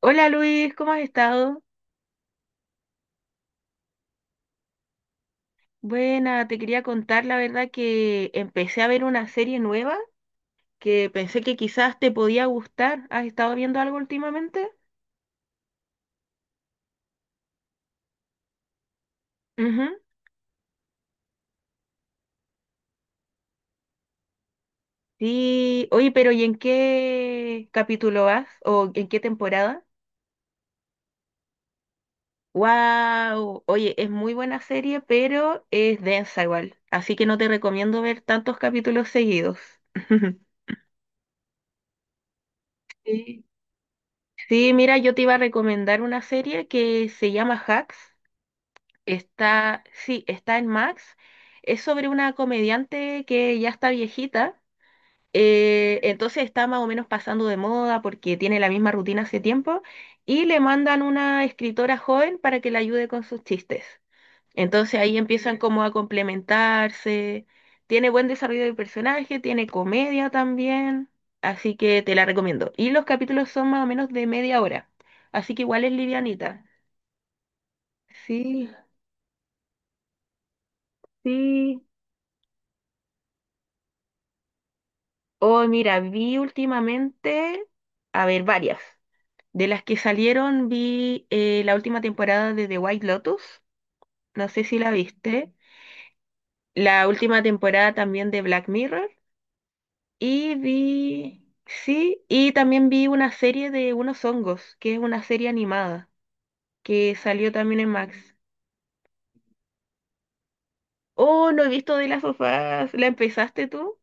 Hola Luis, ¿cómo has estado? Buena, te quería contar la verdad que empecé a ver una serie nueva que pensé que quizás te podía gustar. ¿Has estado viendo algo últimamente? Ujú. Sí, oye, pero ¿y en qué capítulo vas? ¿O en qué temporada? Wow, oye, es muy buena serie, pero es densa igual, así que no te recomiendo ver tantos capítulos seguidos. Sí. Sí, mira, yo te iba a recomendar una serie que se llama Hacks. Está, sí, está en Max. Es sobre una comediante que ya está viejita. Entonces está más o menos pasando de moda porque tiene la misma rutina hace tiempo. Y le mandan una escritora joven para que la ayude con sus chistes. Entonces ahí empiezan como a complementarse. Tiene buen desarrollo de personaje, tiene comedia también. Así que te la recomiendo. Y los capítulos son más o menos de media hora. Así que igual es livianita. Sí, sí. Oh, mira, vi últimamente, a ver, varias. De las que salieron, vi la última temporada de The White Lotus, no sé si la viste. La última temporada también de Black Mirror. Y vi, sí, y también vi una serie de unos hongos, que es una serie animada, que salió también en Max. Oh, no he visto de las sofás, ¿la empezaste tú?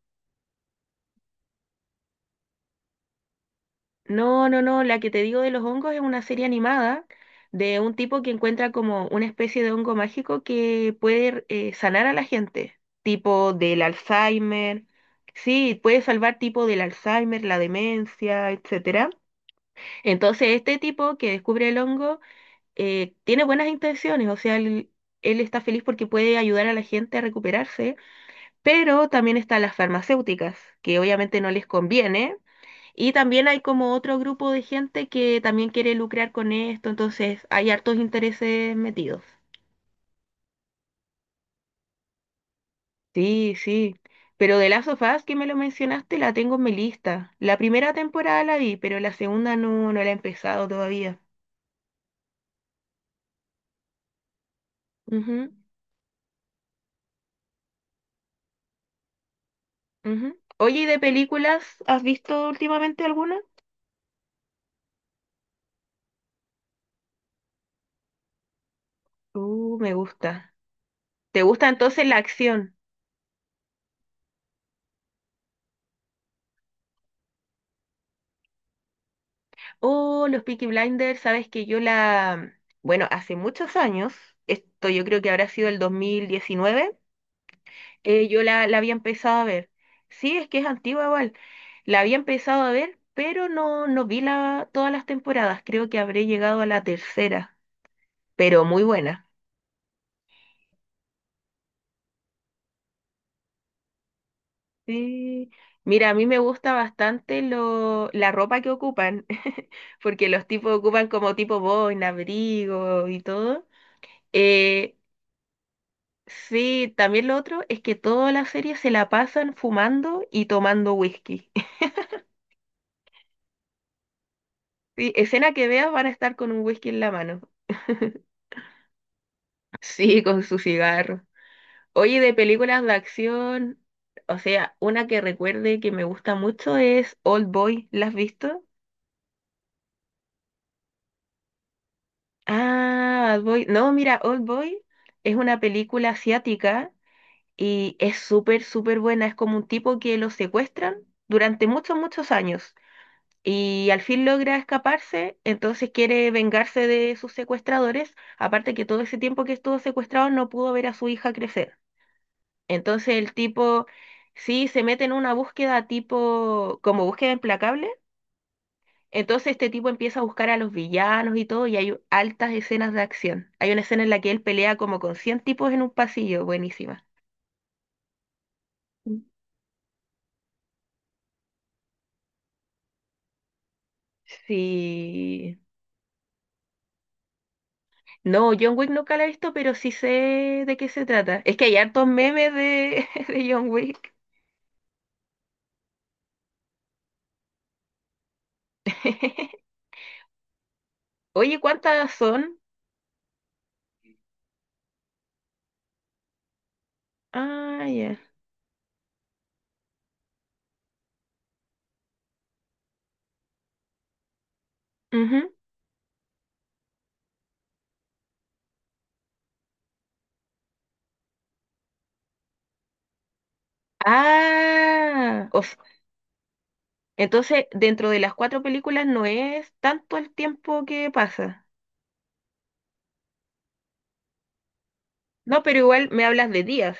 No, no, no, la que te digo de los hongos es una serie animada de un tipo que encuentra como una especie de hongo mágico que puede sanar a la gente, tipo del Alzheimer, sí, puede salvar tipo del Alzheimer, la demencia, etcétera. Entonces este tipo que descubre el hongo tiene buenas intenciones, o sea, él está feliz porque puede ayudar a la gente a recuperarse, pero también están las farmacéuticas, que obviamente no les conviene y también hay como otro grupo de gente que también quiere lucrar con esto, entonces hay hartos intereses metidos. Sí, sí. Pero de Last of Us, que me lo mencionaste, la tengo en mi lista. La primera temporada la vi, pero la segunda no, no la he empezado todavía. Ujú, ujú. Oye, ¿y de películas has visto últimamente alguna? Me gusta. ¿Te gusta entonces la acción? Oh, los Peaky Blinders, sabes que yo la... Bueno, hace muchos años, esto yo creo que habrá sido el 2019 yo la había empezado a ver. Sí, es que es antigua igual. La había empezado a ver, pero no, no vi la, todas las temporadas. Creo que habré llegado a la tercera, pero muy buena. Sí. Mira, a mí me gusta bastante lo, la ropa que ocupan, porque los tipos ocupan como tipo boina, abrigo y todo. Eh, sí, también lo otro es que toda la serie se la pasan fumando y tomando whisky. Sí, escena que veas van a estar con un whisky en la mano. Sí, con su cigarro. Oye, de películas de acción, o sea, una que recuerde que me gusta mucho es Old Boy. ¿La has visto? Ah, Old Boy. No, mira, Old Boy es una película asiática y es súper, súper buena. Es como un tipo que lo secuestran durante muchos, muchos años y al fin logra escaparse, entonces quiere vengarse de sus secuestradores, aparte que todo ese tiempo que estuvo secuestrado no pudo ver a su hija crecer. Entonces el tipo sí se mete en una búsqueda tipo, como búsqueda implacable. Entonces este tipo empieza a buscar a los villanos y todo, y hay altas escenas de acción. Hay una escena en la que él pelea como con 100 tipos en un pasillo, buenísima. Mm. Sí. No, John Wick nunca la he visto, pero sí sé de qué se trata. Es que hay hartos memes de, de John Wick. Oye, ¿cuántas son? Ah, ya. Ujú. Ah, o entonces, dentro de las cuatro películas no es tanto el tiempo que pasa. No, pero igual me hablas de días,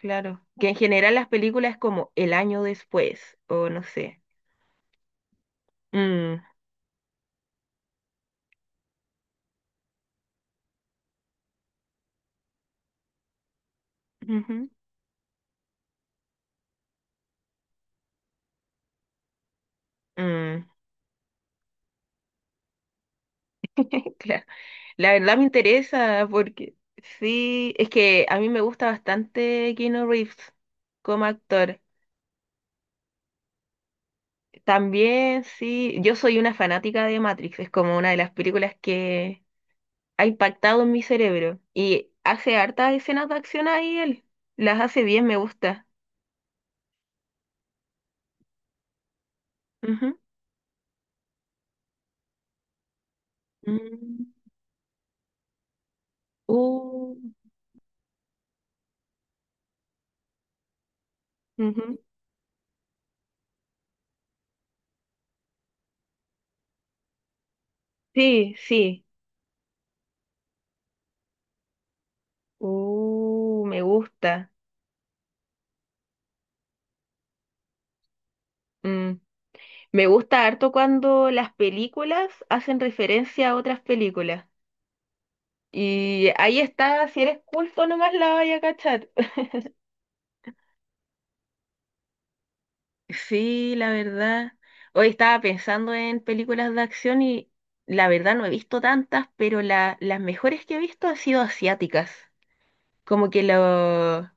claro. Que en general las películas es como el año después, o no sé. Mm, ujú, mm, claro. La verdad me interesa porque sí, es que a mí me gusta bastante Keanu Reeves como actor. También sí, yo soy una fanática de Matrix, es como una de las películas que ha impactado en mi cerebro. Y hace hartas escenas de acción ahí él. Las hace bien, me gusta. Ujú. Mm. Uh, ujú. Sí, sí. Me gusta. Mm. Me gusta harto cuando las películas hacen referencia a otras películas. Y ahí está, si eres culto nomás la vaya a cachar. Sí, la verdad. Hoy estaba pensando en películas de acción y la verdad no he visto tantas, pero la- las mejores que he visto han sido asiáticas. Como que lo...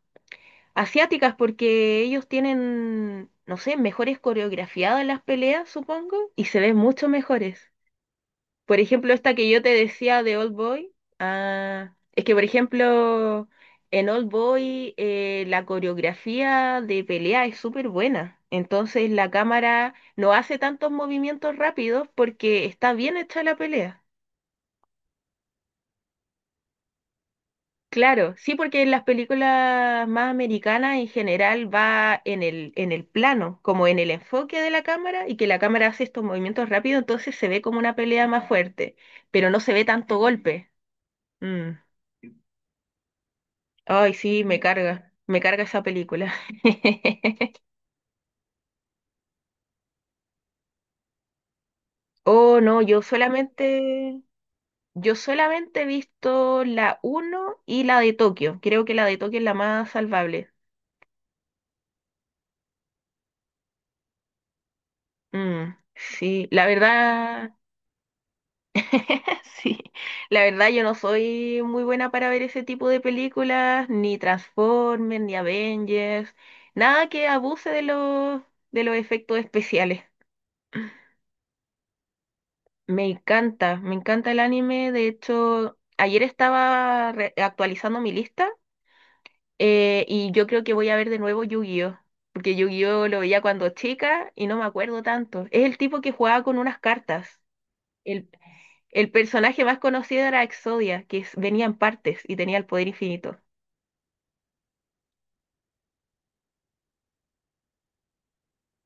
Asiáticas porque ellos tienen, no sé, mejores coreografiadas las peleas, supongo, y se ven mucho mejores. Por ejemplo, esta que yo te decía de Old Boy, ah, es que por ejemplo, en Old Boy la coreografía de pelea es súper buena. Entonces la cámara no hace tantos movimientos rápidos porque está bien hecha la pelea. Claro, sí, porque en las películas más americanas en general va en el plano, como en el enfoque de la cámara, y que la cámara hace estos movimientos rápidos, entonces se ve como una pelea más fuerte, pero no se ve tanto golpe. Mm. Ay, sí, me carga esa película. Oh, no, yo solamente he visto la uno y la de Tokio. Creo que la de Tokio es la más salvable. Mm, sí, la verdad, sí, la verdad yo no soy muy buena para ver ese tipo de películas, ni Transformers, ni Avengers, nada que abuse de los efectos especiales. Me encanta el anime. De hecho, ayer estaba re- actualizando mi lista y yo creo que voy a ver de nuevo Yu-Gi-Oh! Porque Yu-Gi-Oh! Lo veía cuando chica y no me acuerdo tanto. Es el tipo que jugaba con unas cartas. El, el personaje más conocido era Exodia, que es- venía en partes y tenía el poder infinito.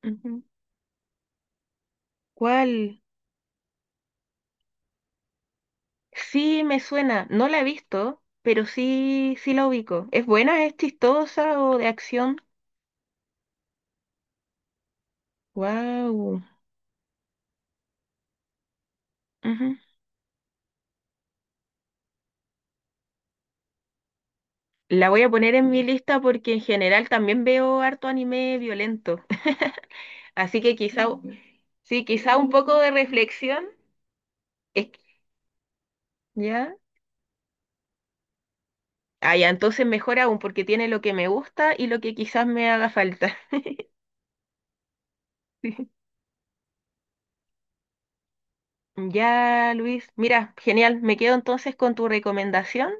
Ujú. ¿Cuál? Sí, me suena. No la he visto, pero sí, sí la ubico. ¿Es buena? ¿Es chistosa o de acción? Wow. La voy a poner en mi lista porque en general también veo harto anime violento. Así que quizá, mm, sí, quizá un poco de reflexión. Es que- ¿ya? Ah, ya, entonces mejor aún porque tiene lo que me gusta y lo que quizás me haga falta. Sí. Ya, Luis. Mira, genial. Me quedo entonces con tu recomendación.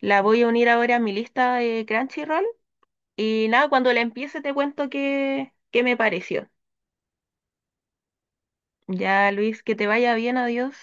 La voy a unir ahora a mi lista de Crunchyroll. Y nada, cuando la empiece te cuento qué, qué me pareció. Ya, Luis, que te vaya bien. Adiós.